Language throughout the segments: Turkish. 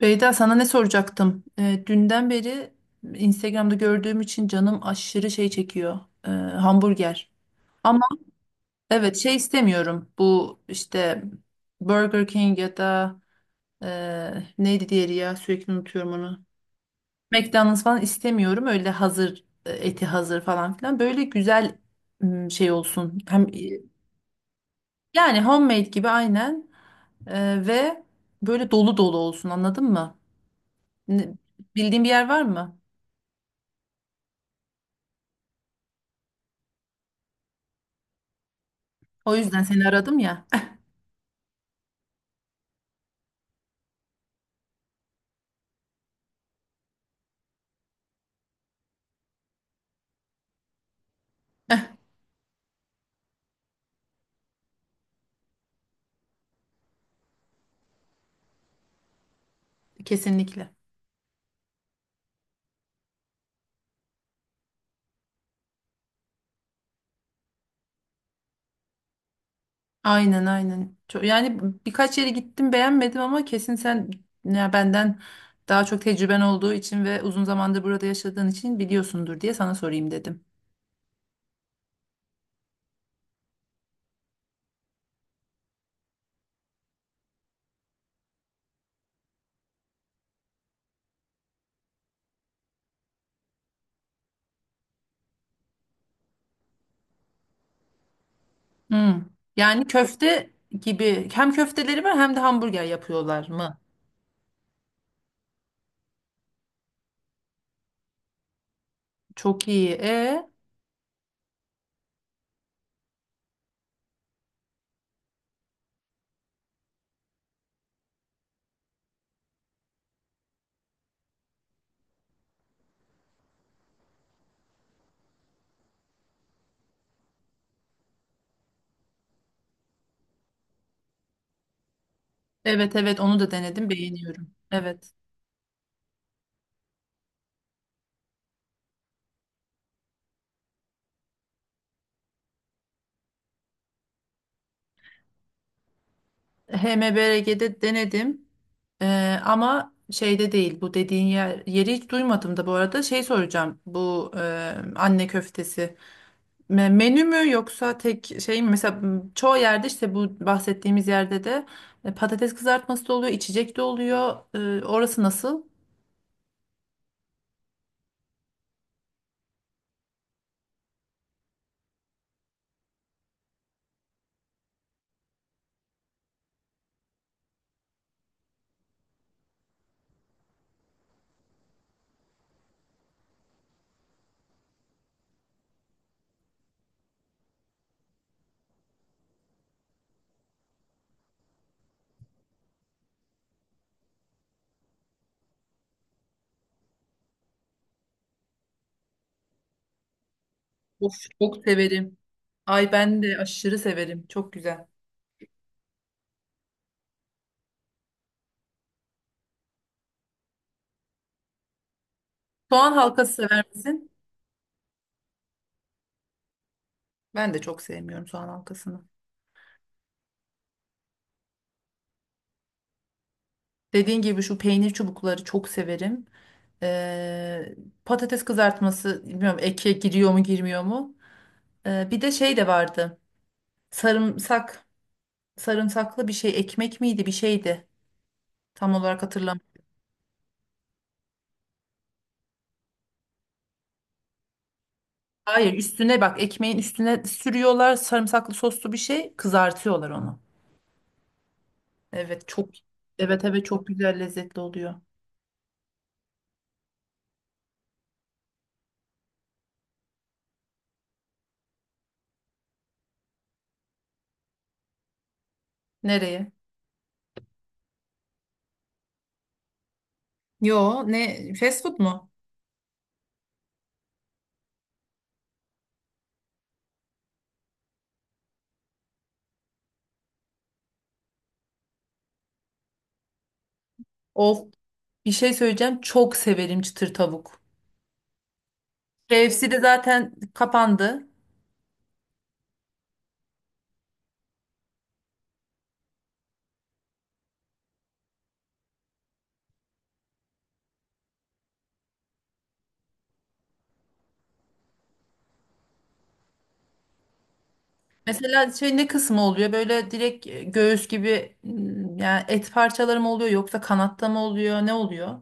Beyda, sana ne soracaktım? Dünden beri Instagram'da gördüğüm için canım aşırı şey çekiyor. Hamburger. Ama evet, şey istemiyorum. Bu, işte Burger King ya da neydi diğeri, ya sürekli unutuyorum onu. McDonald's falan istemiyorum. Öyle hazır, eti hazır falan filan. Böyle güzel, şey olsun. Hem yani homemade gibi, aynen. Ve böyle dolu dolu olsun, anladın mı? Ne- Bildiğin bir yer var mı? O yüzden seni aradım ya. Kesinlikle. Aynen, aynen. Yani birkaç yere gittim, beğenmedim ama kesin sen, ya, benden daha çok tecrüben olduğu için ve uzun zamandır burada yaşadığın için biliyorsundur diye sana sorayım dedim. Hmm. Yani köfte gibi, hem köfteleri var hem de hamburger yapıyorlar mı? Çok iyi. Evet, evet, onu da denedim, beğeniyorum. Evet. HMBRG'de denedim. Ama şeyde değil bu dediğin yer, yeri hiç duymadım da bu arada şey soracağım, bu anne köftesi menü mü yoksa tek şey mi mesela? Çoğu yerde, işte bu bahsettiğimiz yerde de patates kızartması da oluyor, içecek de oluyor. Orası nasıl? Of, çok severim. Ay, ben de aşırı severim, çok güzel. Soğan halkası sever misin? Ben de çok sevmiyorum soğan halkasını. Dediğin gibi şu peynir çubukları çok severim. Ee, Patates kızartması, bilmiyorum, eke giriyor mu girmiyor mu? Bir de şey de vardı. Sarımsak, sarımsaklı bir şey, ekmek miydi bir şeydi. Tam olarak hatırlamıyorum. Hayır, üstüne, bak, ekmeğin üstüne sürüyorlar, sarımsaklı soslu bir şey, kızartıyorlar onu. Evet, çok. Evet, evet, çok güzel, lezzetli oluyor. Nereye? Yo, ne, fast food mu? Of, bir şey söyleyeceğim, çok severim çıtır tavuk. KFC de zaten kapandı. Mesela şey ne kısmı oluyor? Böyle direkt göğüs gibi, yani et parçaları mı oluyor yoksa kanatta mı oluyor? Ne oluyor?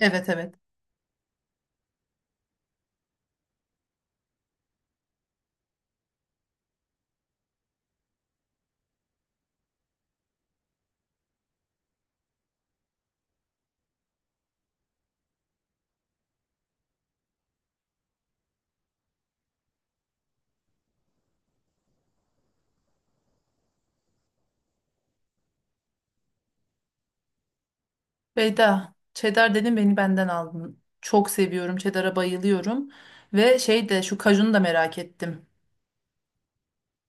Evet, evet. Beyda, cheddar dedim, beni benden aldın. Çok seviyorum. Cheddar'a bayılıyorum. Ve şey de, şu kajunu da merak ettim.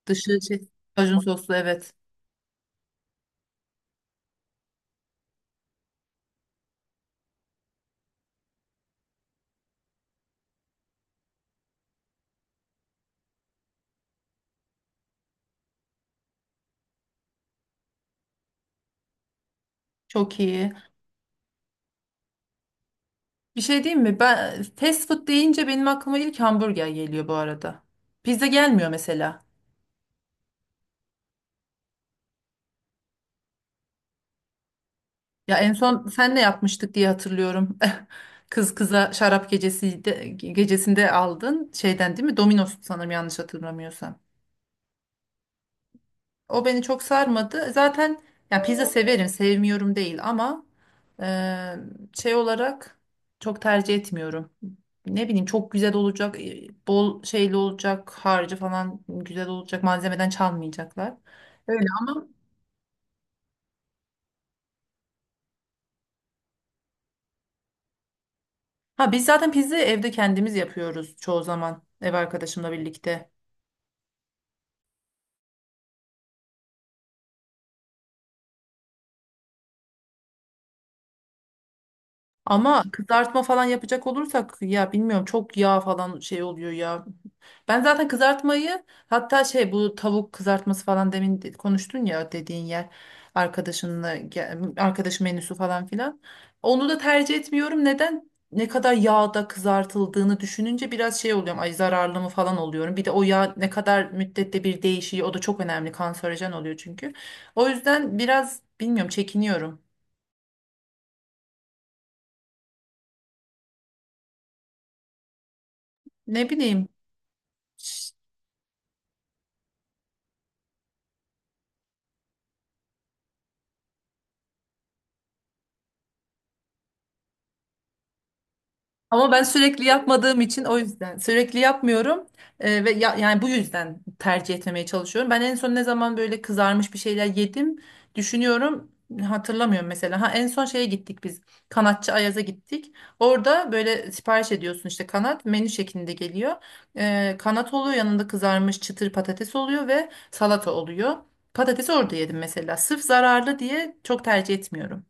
Dışı şey, kajun soslu, evet. Çok iyi. Bir şey diyeyim mi? Ben fast food deyince benim aklıma ilk hamburger geliyor bu arada. Pizza gelmiyor mesela. Ya en son senle yapmıştık diye hatırlıyorum. Kız kıza şarap gecesinde aldın şeyden, değil mi? Domino's, sanırım yanlış hatırlamıyorsam. O beni çok sarmadı. Zaten, ya, pizza severim, sevmiyorum değil ama e, şey olarak çok tercih etmiyorum. Ne bileyim, çok güzel olacak, bol şeyli olacak, harcı falan güzel olacak, malzemeden çalmayacaklar. Öyle ama, ha, biz zaten pizza evde kendimiz yapıyoruz çoğu zaman, ev arkadaşımla birlikte. Ama kızartma falan yapacak olursak, ya, bilmiyorum, çok yağ falan şey oluyor ya. Ben zaten kızartmayı, hatta şey, bu tavuk kızartması falan, demin konuştun ya, dediğin yer, arkadaşınla arkadaş menüsü falan filan. Onu da tercih etmiyorum. Neden? Ne kadar yağda kızartıldığını düşününce biraz şey oluyorum. Ay, zararlı mı falan oluyorum. Bir de o yağ ne kadar müddette bir değişiyor. O da çok önemli. Kanserojen oluyor çünkü. O yüzden biraz, bilmiyorum, çekiniyorum. Ne bileyim. Ama ben sürekli yapmadığım için, o yüzden sürekli yapmıyorum. Ve yani bu yüzden tercih etmemeye çalışıyorum. Ben en son ne zaman böyle kızarmış bir şeyler yedim, düşünüyorum, hatırlamıyorum mesela. Ha, en son şeye gittik biz, kanatçı Ayaz'a gittik. Orada böyle sipariş ediyorsun, işte kanat menü şeklinde geliyor. Kanat oluyor, yanında kızarmış çıtır patates oluyor ve salata oluyor. Patatesi orada yedim mesela. Sırf zararlı diye çok tercih etmiyorum.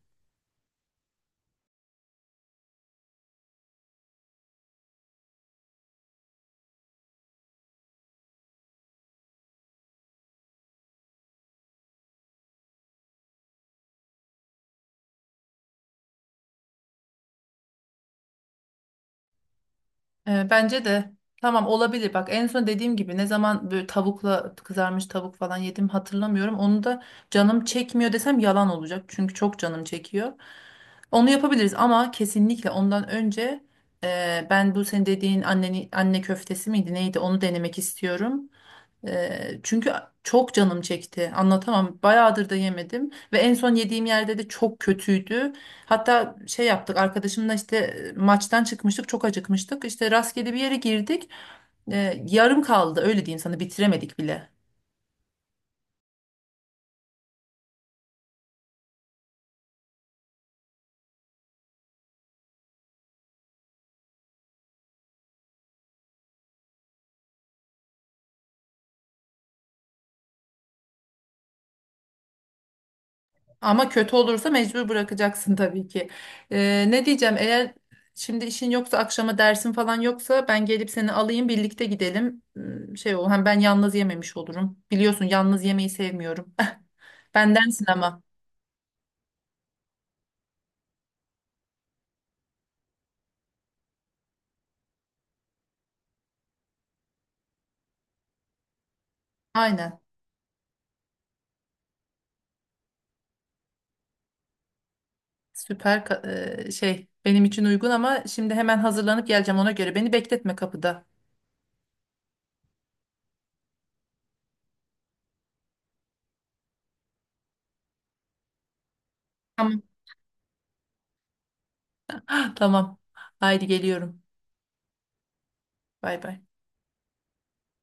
Bence de tamam, olabilir. Bak, en son dediğim gibi, ne zaman böyle tavukla, kızarmış tavuk falan yedim hatırlamıyorum. Onu da canım çekmiyor desem yalan olacak. Çünkü çok canım çekiyor. Onu yapabiliriz ama kesinlikle ondan önce ben bu senin dediğin anne köftesi miydi neydi, onu denemek istiyorum. Çünkü çok canım çekti. Anlatamam. Bayağıdır da yemedim ve en son yediğim yerde de çok kötüydü. Hatta şey yaptık arkadaşımla, işte maçtan çıkmıştık, çok acıkmıştık. İşte rastgele bir yere girdik. Yarım kaldı, öyle diyeyim sana, bitiremedik bile. Ama kötü olursa mecbur bırakacaksın tabii ki. Ne diyeceğim, eğer şimdi işin yoksa, akşama dersin falan yoksa, ben gelip seni alayım, birlikte gidelim. Hmm, şey, o hem ben yalnız yememiş olurum. Biliyorsun, yalnız yemeyi sevmiyorum. Bendensin ama. Aynen. Süper. Şey benim için uygun ama şimdi hemen hazırlanıp geleceğim, ona göre. Beni bekletme kapıda. Tamam. Tamam. Haydi geliyorum. Bay bay.